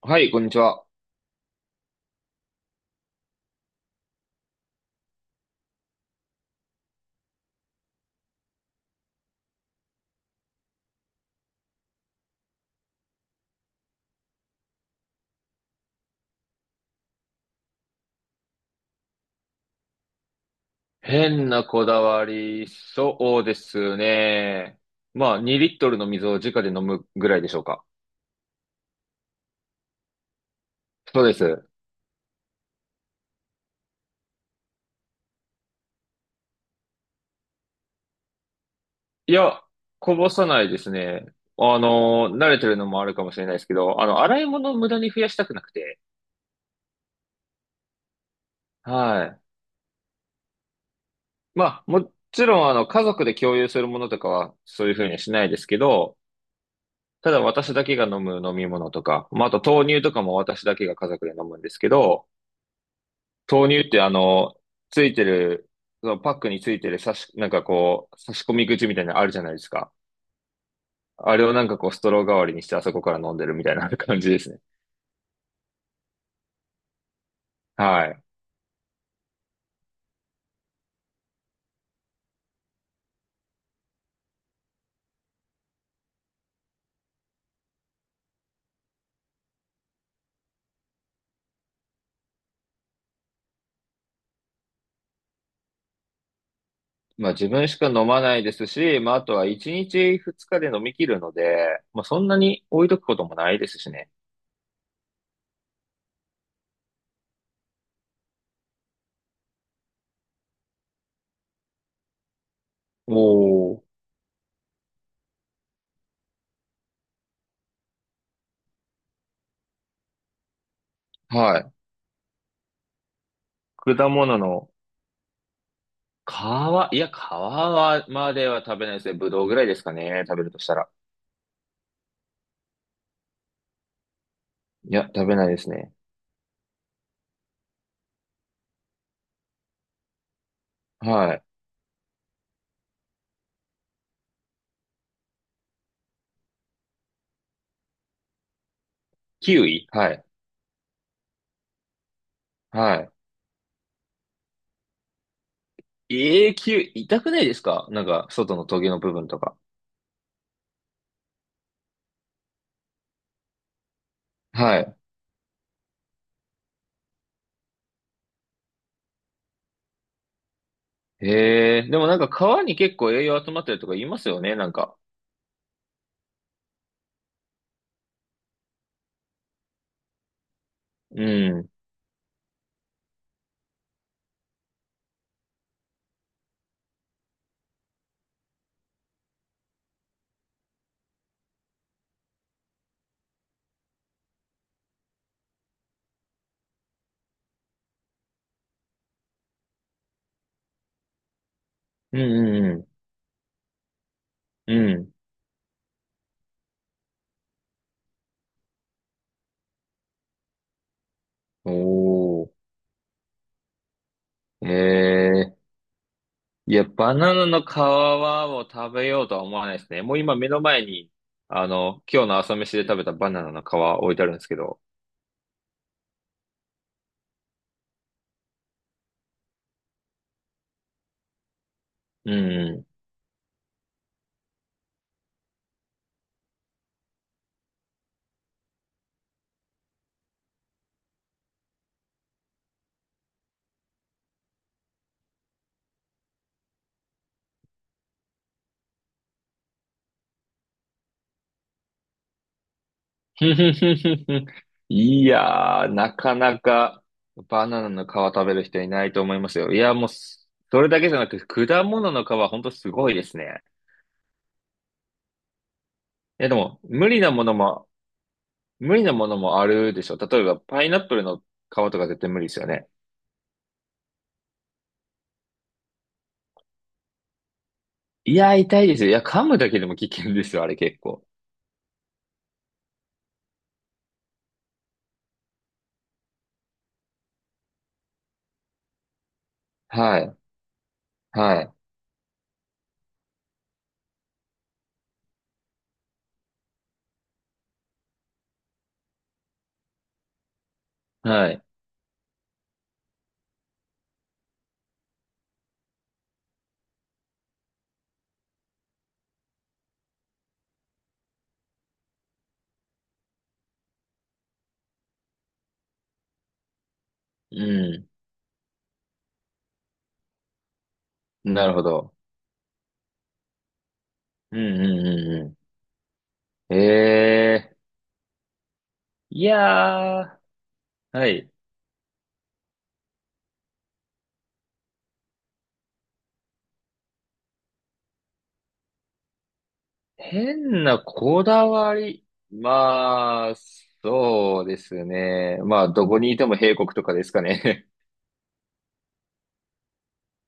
はい、こんにちは。変なこだわり、そうですね。まあ、2リットルの水を直で飲むぐらいでしょうか。そうです。いや、こぼさないですね。慣れてるのもあるかもしれないですけど、洗い物を無駄に増やしたくなくて。はい。まあ、もちろん、家族で共有するものとかは、そういうふうにはしないですけど、ただ私だけが飲む飲み物とか、まあ、あと豆乳とかも私だけが家族で飲むんですけど、豆乳ってあの、ついてる、そのパックについてる差し、なんかこう、差し込み口みたいなのあるじゃないですか。あれをなんかこう、ストロー代わりにしてあそこから飲んでるみたいな感じですね。はい。まあ自分しか飲まないですし、まああとは1日2日で飲み切るので、まあそんなに置いとくこともないですしね。おお。はい。果物の皮、いや、皮はまでは食べないですね。ぶどうぐらいですかね。食べるとしたら。いや、食べないですね。はい。キウイはい。はい。永久、痛くないですかなんか、外のトゲの部分とか。はい。へえ、でもなんか皮に結構栄養集まってるとか言いますよね、なんか。うん。うんうんうん。うん。おー。へえ。いや、バナナの皮を食べようとは思わないですね。もう今目の前に、今日の朝飯で食べたバナナの皮置いてあるんですけど。うん。いやー、なかなかバナナの皮食べる人いないと思いますよ。いや、もうす、それだけじゃなく、果物の皮ほんとすごいですね。いや、でも、無理なものもあるでしょ。例えば、パイナップルの皮とか絶対無理ですよね。いや、痛いですよ。いや、噛むだけでも危険ですよ、あれ結構。はい、はい、はい。うん、なるほど。うん、うん、うん、うん。ええー、いやー、はい。変なこだわり。まあ、そうですね。まあ、どこにいても兵国とかですかね。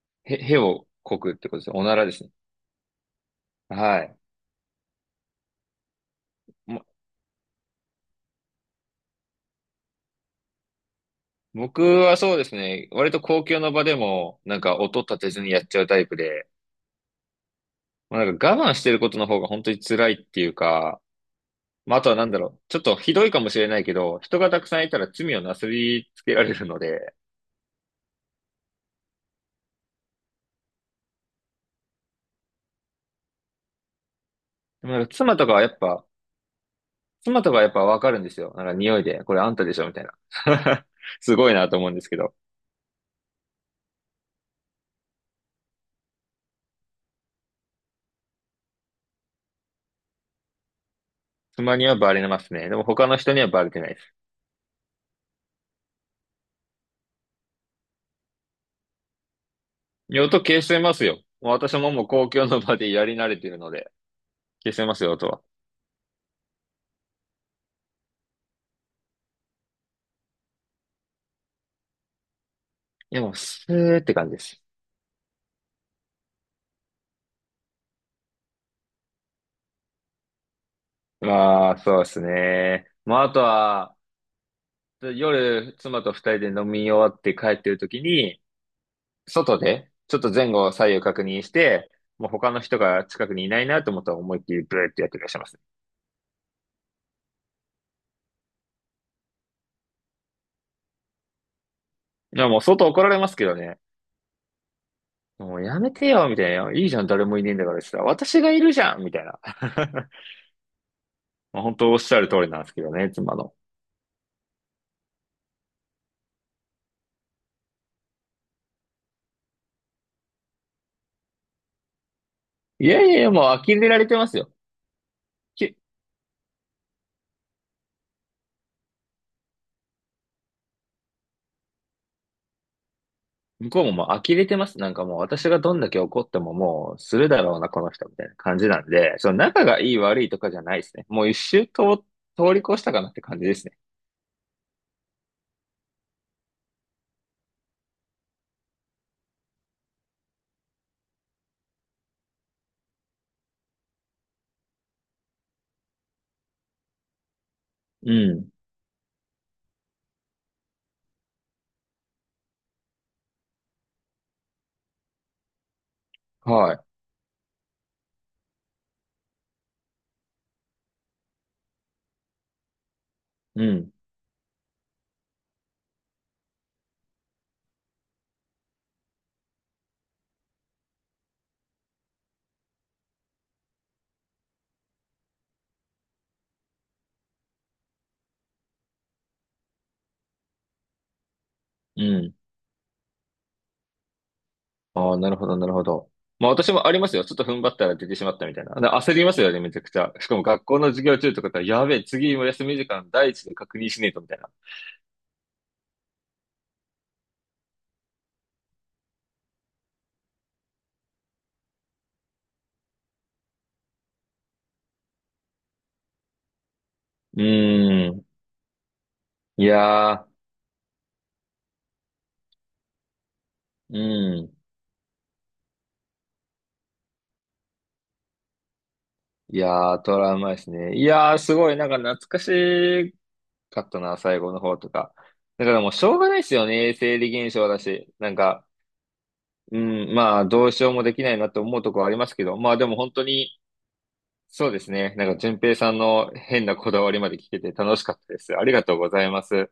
へをこくってことですね。おならですね。はい。も僕はそうですね。割と公共の場でも、なんか音立てずにやっちゃうタイプで、まあ、なんか我慢してることの方が本当に辛いっていうか、まあ、あとはなんだろう。ちょっとひどいかもしれないけど、人がたくさんいたら罪をなすりつけられるので、でもなんか妻とかやっぱわかるんですよ。なんか匂いで、これあんたでしょみたいな。すごいなと思うんですけど。妻にはバレますね。でも他の人にはバレてないです。音消してますよ。もう私ももう公共の場でやり慣れてるので、消してますよ、音は。いや、もうスーって感じです。まあ、そうですね。まあ、あとは、夜、妻と二人で飲み終わって帰ってる時に、外で、ちょっと前後左右確認して、もう他の人が近くにいないなと思ったら思いっきりブーってやってらっしゃいますね。いや、もう外怒られますけどね。もうやめてよ、みたいな。いいじゃん、誰もいねえんだからしたら、私がいるじゃん、みたいな。まあ本当おっしゃる通りなんですけどね、妻の。いやいやいや、もう呆れられてますよ。き向こうももう呆れてます。なんかもう私がどんだけ怒ってももうするだろうな、この人、みたいな感じなんで、その仲がいい悪いとかじゃないですね。もう一周と通り越したかなって感じですね。うん。はい。うん。うん。ああ、なるほど、なるほど。まあ私もありますよ。ちょっと踏ん張ったら出てしまったみたいな。で焦りますよね、めちゃくちゃ。しかも学校の授業中とかだったら、やべえ、次も休み時間第一で確認しねえと、みたいな。うーん。いやー、うん。いやー、トラウマですね。いやー、すごい、なんか懐かしかったな、最後の方とか。だからもうしょうがないですよね、生理現象だし。なんか、うん、まあ、どうしようもできないなと思うところありますけど、まあでも本当に、そうですね。なんか、淳平さんの変なこだわりまで聞けて楽しかったです。ありがとうございます。